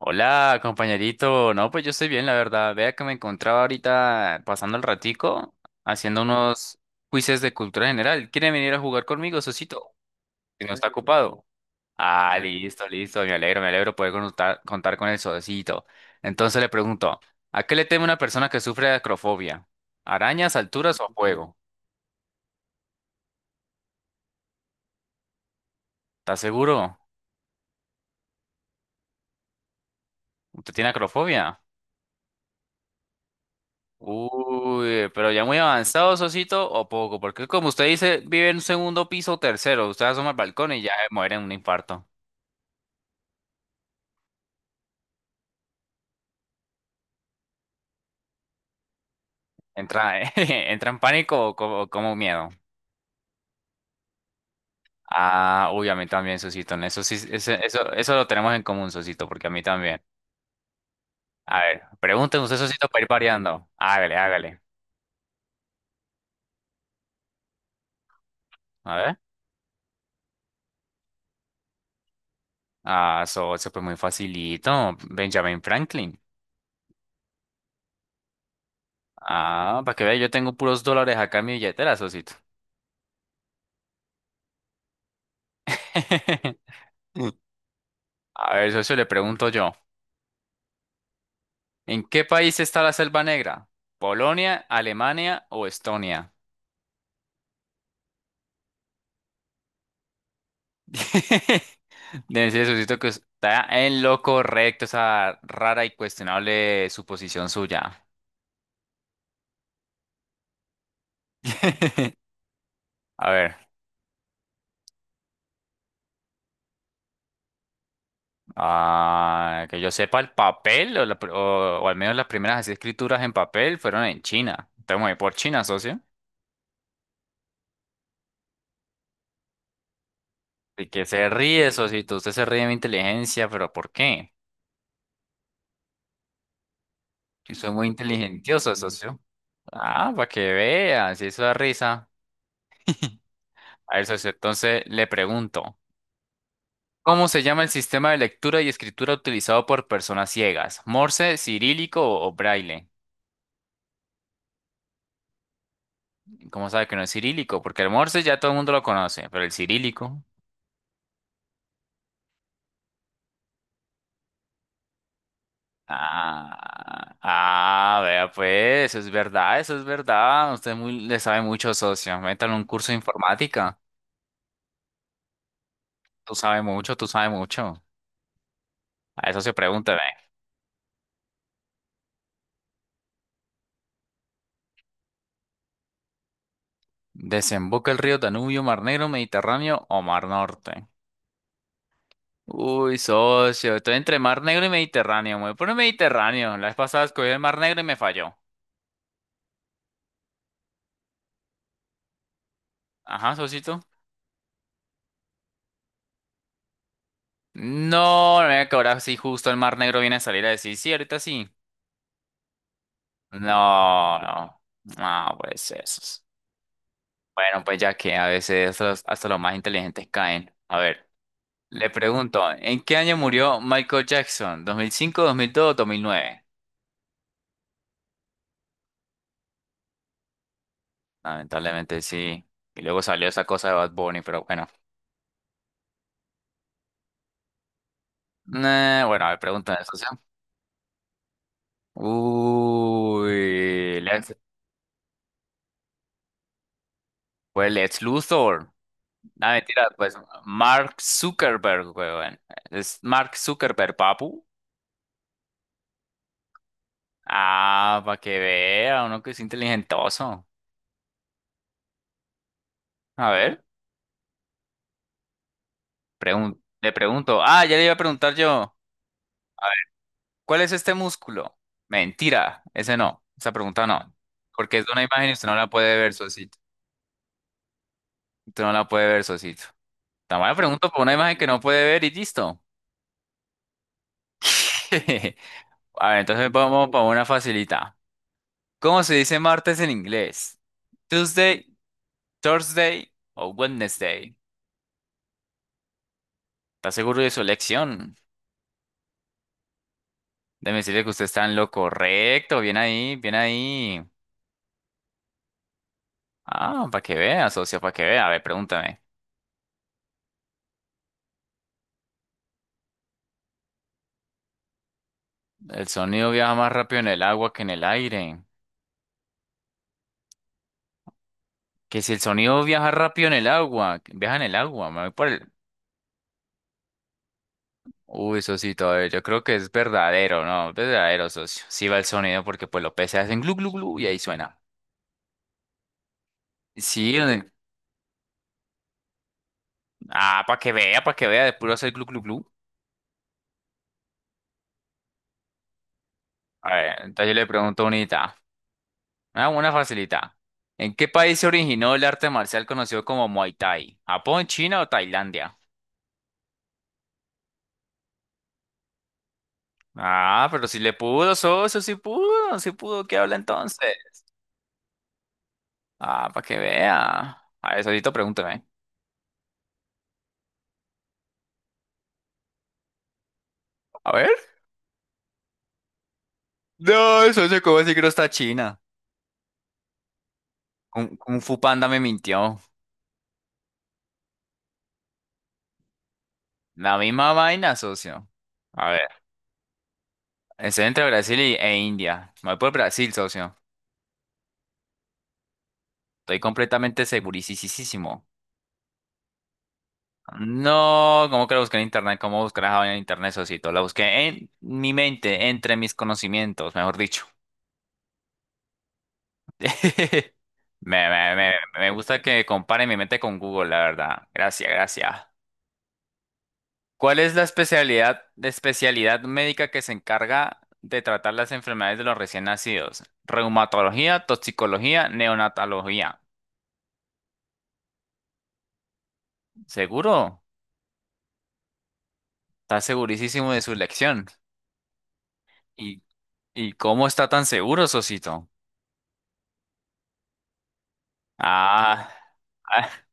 Hola, compañerito. No, pues yo estoy bien, la verdad. Vea que me encontraba ahorita pasando el ratico haciendo unos quizzes de cultura general. ¿Quiere venir a jugar conmigo, Sosito? Si no está ocupado. Ah, listo, listo. Me alegro poder contar con el Sosito. Entonces le pregunto, ¿a qué le teme una persona que sufre de acrofobia? ¿Arañas, alturas o fuego? ¿Está seguro? ¿Usted tiene acrofobia? Uy, pero ya muy avanzado, Sosito, o poco, porque como usted dice, vive en un segundo piso tercero, usted asoma al balcón y ya muere en un infarto. Entra, entra en pánico o como miedo. Ah, uy, a mí también, Sosito, en eso sí, eso, eso lo tenemos en común, Sosito, porque a mí también. A ver, pregúnteme usted, Sosito, para ir pareando. Hágale, hágale. A ver. Ah, eso fue muy facilito. Benjamin Franklin. Ah, para que vea, yo tengo puros dólares acá en mi billetera, Sosito. A ver, socio, le pregunto yo. ¿En qué país está la Selva Negra? ¿Polonia, Alemania o Estonia? Debe ser, socito, que está en lo correcto esa rara y cuestionable suposición suya. A ver, ah, que yo sepa, el papel, o, la pr- o al menos las primeras así escrituras en papel fueron en China. Entonces me voy por China, socio. Y que se ríe, socito. Usted se ríe de mi inteligencia, pero ¿por qué? Sí, soy muy inteligentioso, socio. Ah, para que veas, eso da risa. A ver, socio, entonces le pregunto, ¿cómo se llama el sistema de lectura y escritura utilizado por personas ciegas? ¿Morse, cirílico o braille? ¿Cómo sabe que no es cirílico? Porque el morse ya todo el mundo lo conoce, pero el cirílico. Ah, ah, vea pues, eso es verdad, eso es verdad. Usted muy, le sabe mucho, socio. Métale un curso de informática. Tú sabes mucho, tú sabes mucho. A eso se pregunta, ¿desemboca el río Danubio, Mar Negro, Mediterráneo o Mar Norte? Uy, socio, estoy entre Mar Negro y Mediterráneo. Me voy por el Mediterráneo. La vez pasada escogí el Mar Negro y me falló. Ajá, socito. No, no me que ahora sí justo el Mar Negro viene a salir a decir, sí, ahorita sí. No, no. No, pues eso. Bueno, pues ya que a veces hasta los más inteligentes caen. A ver, le pregunto, ¿en qué año murió Michael Jackson? ¿2005, 2002 o 2009? Lamentablemente sí. Y luego salió esa cosa de Bad Bunny, pero bueno. Bueno, a ver, pregunta de socio. Uy, Lex, pues Lex Luthor. Nah, mentira, pues Mark Zuckerberg, weón. Es Mark Zuckerberg, papu. Ah, para que vea, uno que es inteligentoso. A ver, le pregunto. Ah, ya le iba a preguntar yo. A ver, ¿cuál es este músculo? Mentira, ese no. Esa pregunta no. Porque es de una imagen y usted no la puede ver, socio. Tú no la puede ver, Sosito. Tan buena pregunta por una imagen que no puede ver y listo. A ver, entonces vamos para una facilita. ¿Cómo se dice martes en inglés? Tuesday, Thursday o Wednesday. ¿Está seguro de su elección? Déjeme decirle que usted está en lo correcto. Bien ahí, bien ahí. Ah, para que vea, socio, para que vea. A ver, pregúntame. El sonido viaja más rápido en el agua que en el aire. Que si el sonido viaja rápido en el agua, viaja en el agua. Me voy por el- Uy, socito, a ver, yo creo que es verdadero, ¿no? Verdadero, socio. Sí va el sonido porque pues los peces hacen glu glu glu y ahí suena. Sí, donde- ah, para que vea, de puro hacer glu glu glu. A ver, entonces yo le pregunto unita, una facilita. ¿En qué país se originó el arte marcial conocido como Muay Thai? ¿Japón, China o Tailandia? Ah, pero si le pudo, socio, si pudo, ¿qué habla entonces? Ah, para que vea. A ver, socito, pregúntame. A ver. No, socio, ¿cómo así que no está China? Kung Fu Panda me mintió. La misma vaina, socio. A ver, estoy entre Brasil e India. Me voy por Brasil, socio. Estoy completamente segurísimo. No, ¿cómo que la busqué en internet? ¿Cómo buscar esa vaina en internet, socito? La busqué en mi mente, entre mis conocimientos, mejor dicho. Me, me, me, me gusta que compare mi mente con Google, la verdad. Gracias, gracias. ¿Cuál es la especialidad médica que se encarga de tratar las enfermedades de los recién nacidos? Reumatología, toxicología, neonatología. ¿Seguro? Está segurísimo de su elección. ¿Y, ¿y cómo está tan seguro, Sosito? Ah. Ah.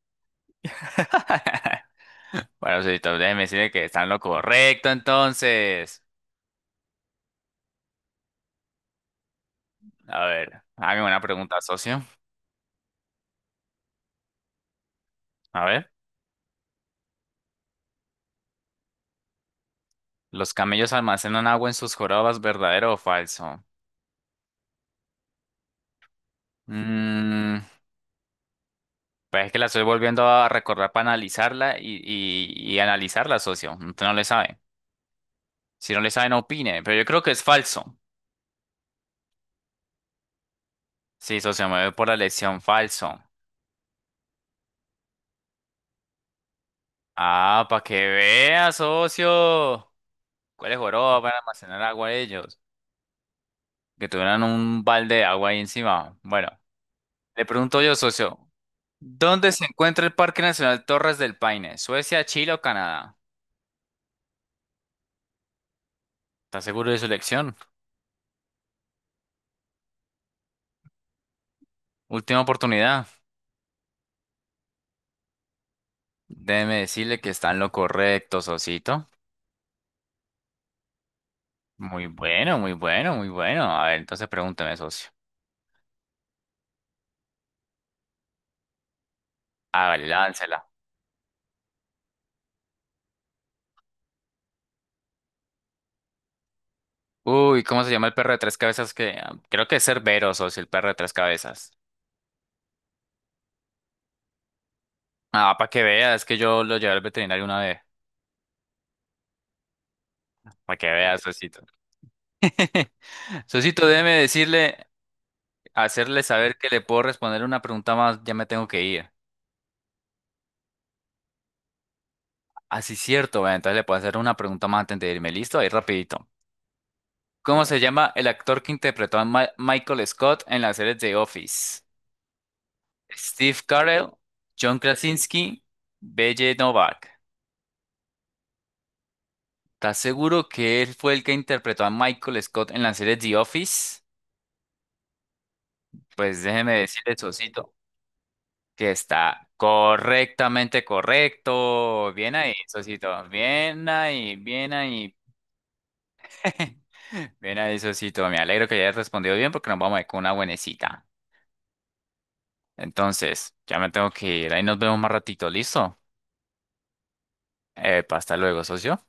Bueno, Sosito, déjeme decirle que está en lo correcto entonces. A ver, hágame una pregunta, socio. A ver, ¿los camellos almacenan agua en sus jorobas, verdadero o falso? Mmm. Pues es que la estoy volviendo a recordar para analizarla y analizarla, socio. No, usted no le sabe. Si no le sabe, no opine. Pero yo creo que es falso. Sí, socio, me voy por la elección falso. Ah, para que vea, socio. ¿Cuáles joroba para almacenar agua de ellos? Que tuvieran un balde de agua ahí encima. Bueno, le pregunto yo, socio. ¿Dónde se encuentra el Parque Nacional Torres del Paine? ¿Suecia, Chile o Canadá? ¿Está seguro de su elección? Última oportunidad. Déjeme decirle que está en lo correcto, socito. Muy bueno, muy bueno, muy bueno. A ver, entonces pregúntame, socio. Hágale, láncela. Uy, ¿cómo se llama el perro de tres cabezas? Que ah, creo que es Cerbero, socio, el perro de tres cabezas. Ah, para que veas, es que yo lo llevé al veterinario una vez. Para que veas, socito. Socito, déjeme decirle, hacerle saber que le puedo responder una pregunta más, ya me tengo que ir. Así es cierto, bueno, entonces le puedo hacer una pregunta más antes de irme. ¿Listo? Ahí rapidito. ¿Cómo se llama el actor que interpretó a Michael Scott en las series de Office? Steve Carell, John Krasinski, B.J. Novak. ¿Estás seguro que él fue el que interpretó a Michael Scott en la serie The Office? Pues déjeme decirle, Sosito, que está correctamente correcto. Bien ahí, Sosito. Bien ahí, bien ahí. Bien ahí, Sosito. Me alegro que hayas respondido bien porque nos vamos a ir con una buenecita. Entonces, ya me tengo que ir. Ahí nos vemos más ratito, ¿listo? Hasta luego, socio.